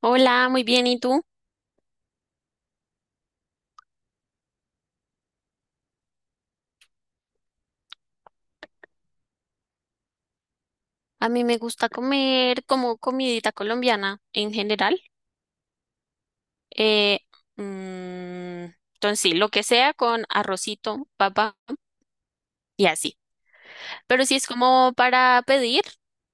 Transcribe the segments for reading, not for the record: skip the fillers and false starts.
Hola, muy bien. ¿Y tú? A mí me gusta comer como comidita colombiana en general. Eh, mm, entonces, sí, lo que sea con arrocito, papa y así. Pero si es como para pedir,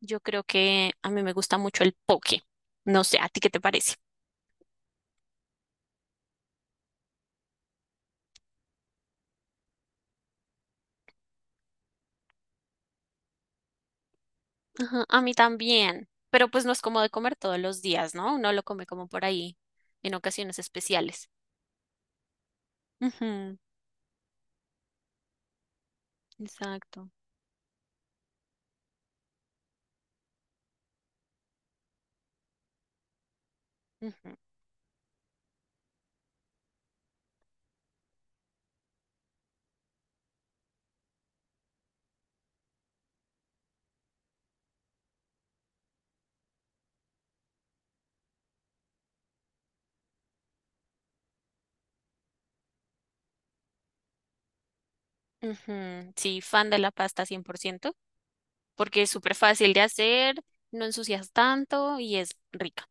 yo creo que a mí me gusta mucho el poke. No sé, ¿a ti qué te parece? Ajá, a mí también. Pero pues no es como de comer todos los días, ¿no? Uno lo come como por ahí, en ocasiones especiales. Ujú, exacto. Ujú. Ujú, sí, fan de la pasta 100% porque es súper fácil de hacer, no ensucias tanto y es rica.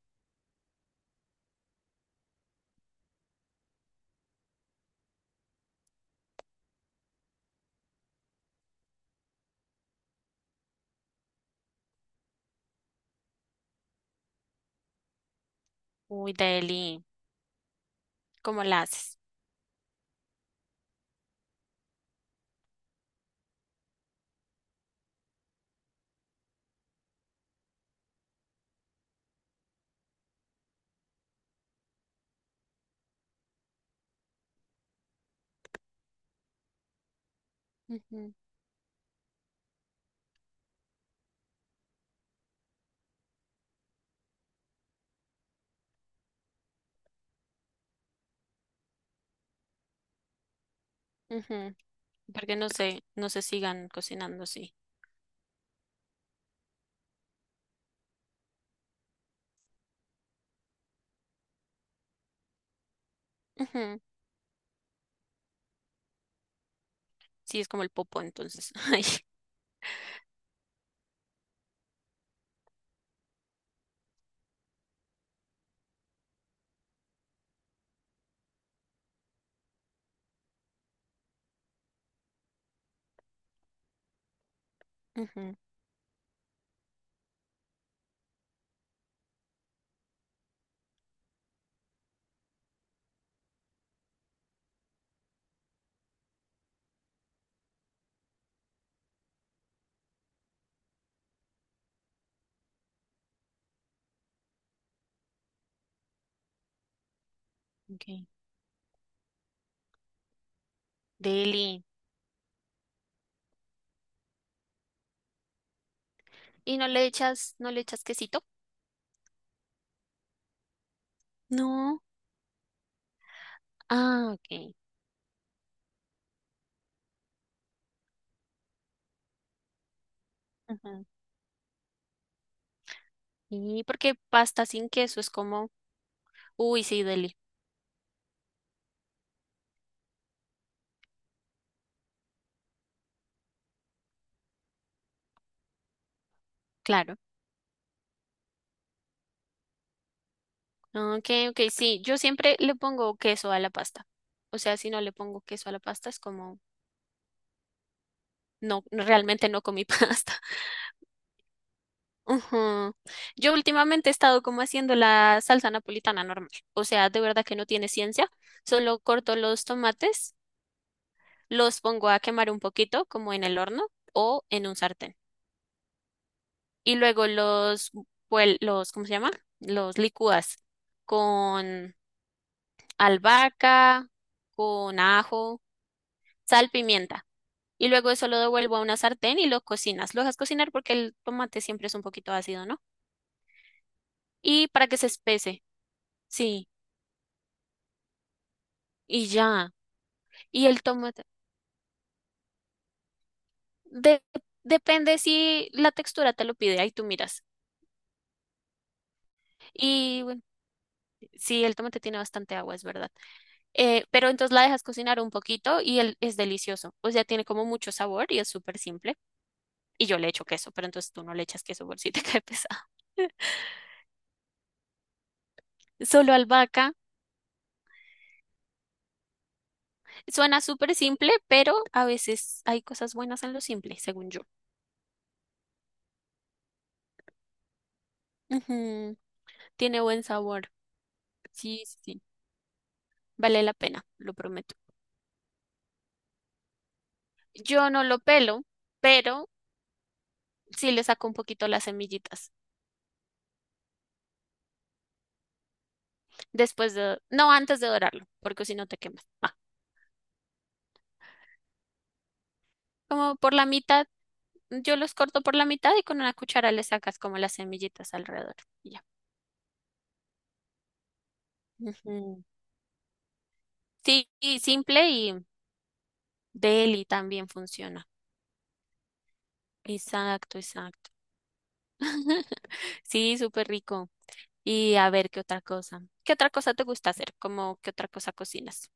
Uy, deli, ¿cómo la haces? Ujú, ujú, porque no sé, no se sigan cocinando así. Ujú, sí, es como el popo entonces. Ay, ujú, ok. Deli. ¿Y no le echas, no le echas quesito? No. Ah, ok. Y porque pasta sin queso es como, uy, sí, deli, claro. Ah, ok, ok, sí, yo siempre le pongo queso a la pasta. O sea, si no le pongo queso a la pasta es como, no, no, realmente no comí pasta. Ujú. Yo últimamente he estado como haciendo la salsa napolitana normal. O sea, de verdad que no tiene ciencia. Solo corto los tomates, los pongo a quemar un poquito, como en el horno o en un sartén. Y luego los, los, ¿cómo se llama? Los licúas con albahaca, con ajo, sal, pimienta. Y luego eso lo devuelvo a una sartén y lo cocinas. Lo dejas cocinar porque el tomate siempre es un poquito ácido, ¿no? Y para que se espese. Sí, y ya. Y el tomate. de- Depende si la textura te lo pide, ahí tú miras. Y bueno, sí, el tomate tiene bastante agua, es verdad. Pero entonces la dejas cocinar un poquito y el, es delicioso. O sea, tiene como mucho sabor y es súper simple. Y yo le echo queso, pero entonces tú no le echas queso por si te cae pesado. Solo albahaca. Suena súper simple, pero a veces hay cosas buenas en lo simple, según yo. Ujú, tiene buen sabor. Sí, sí, sí. Vale la pena, lo prometo. Yo no lo pelo, pero sí le saco un poquito las semillitas. Después de, no antes de dorarlo, porque si no te quemas. Ah, como por la mitad, yo los corto por la mitad y con una cuchara le sacas como las semillitas alrededor. Y ya. Ujú. Sí, y simple y deli también funciona. Exacto, exacto. Sí, súper rico. Y a ver, ¿qué otra cosa? ¿Qué otra cosa te gusta hacer? ¿Cómo qué otra cosa cocinas?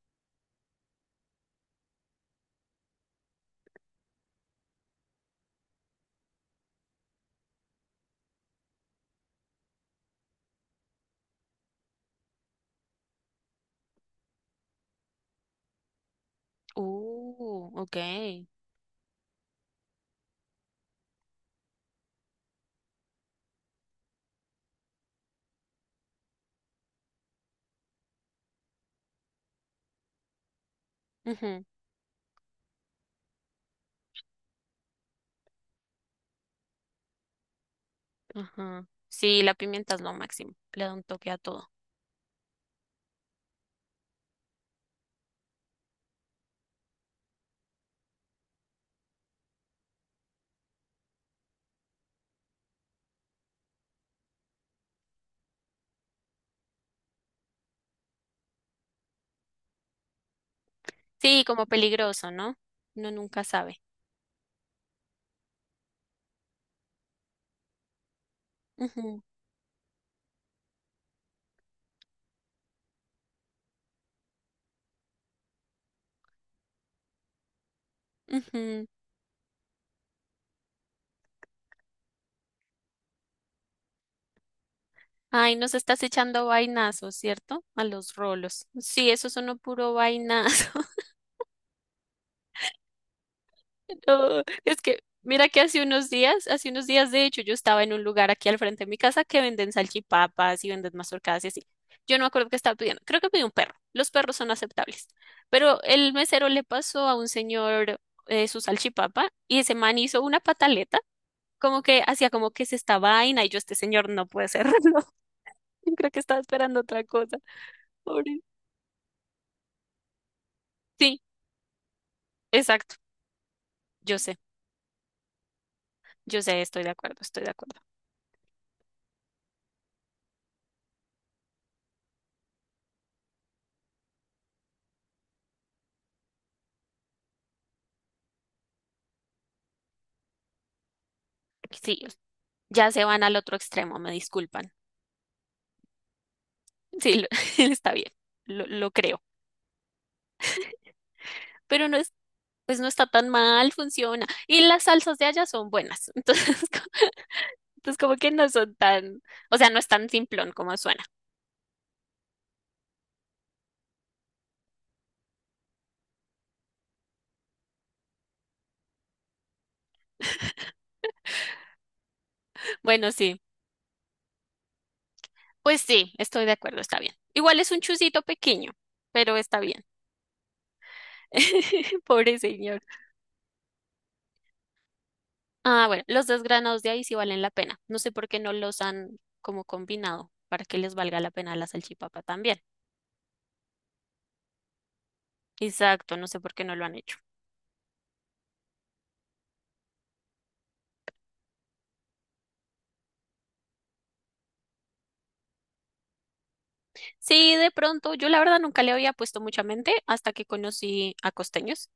Ok. Ujú, ajá. Sí, la pimienta es lo máximo. Le da un toque a todo. Sí, como peligroso, ¿no? Uno nunca sabe. Ujú, ujú. Ay, nos estás echando vainazos, ¿cierto? A los rolos. Sí, eso es uno puro vainazo. Oh, es que, mira que hace unos días, de hecho, yo estaba en un lugar aquí al frente de mi casa que venden salchipapas y venden mazorcadas y así. Yo no me acuerdo qué estaba pidiendo. Creo que pedí un perro. Los perros son aceptables. Pero el mesero le pasó a un señor su salchipapa y ese man hizo una pataleta, como que hacía como que es esta vaina y yo, este señor no puede hacerlo. Yo creo que estaba esperando otra cosa. Pobre. Sí, exacto. Yo sé, yo sé, estoy de acuerdo, estoy de acuerdo. Sí, ya se van al otro extremo, me disculpan. Sí, está bien, lo creo. Pero no es, pues no está tan mal, funciona. Y las salsas de allá son buenas. Entonces, entonces como que no son tan, o sea, no es tan simplón como suena. Bueno, sí, pues sí, estoy de acuerdo, está bien. Igual es un chusito pequeño, pero está bien. Pobre señor. Ah, bueno, los desgranados de ahí sí valen la pena. No sé por qué no los han como combinado para que les valga la pena la salchipapa también. Exacto, no sé por qué no lo han hecho. Sí, de pronto, yo la verdad nunca le había puesto mucha mente hasta que conocí a costeños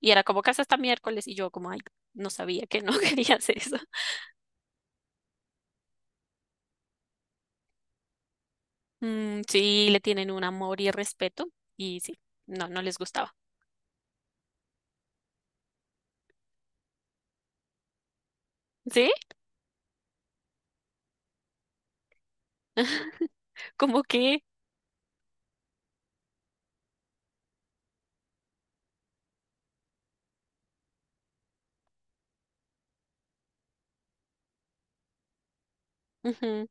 y era como casa hasta miércoles y yo como, ay, no sabía que no querías eso. Mm, sí, le tienen un amor y respeto y sí, no, no les gustaba. ¿Sí? Como que... ujú,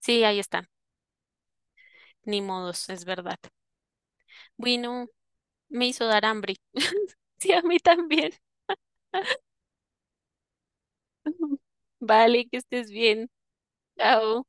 sí, ahí está. Ni modos, es verdad. Bueno, me hizo dar hambre. Sí, a mí también. Vale, que estés bien. Chao.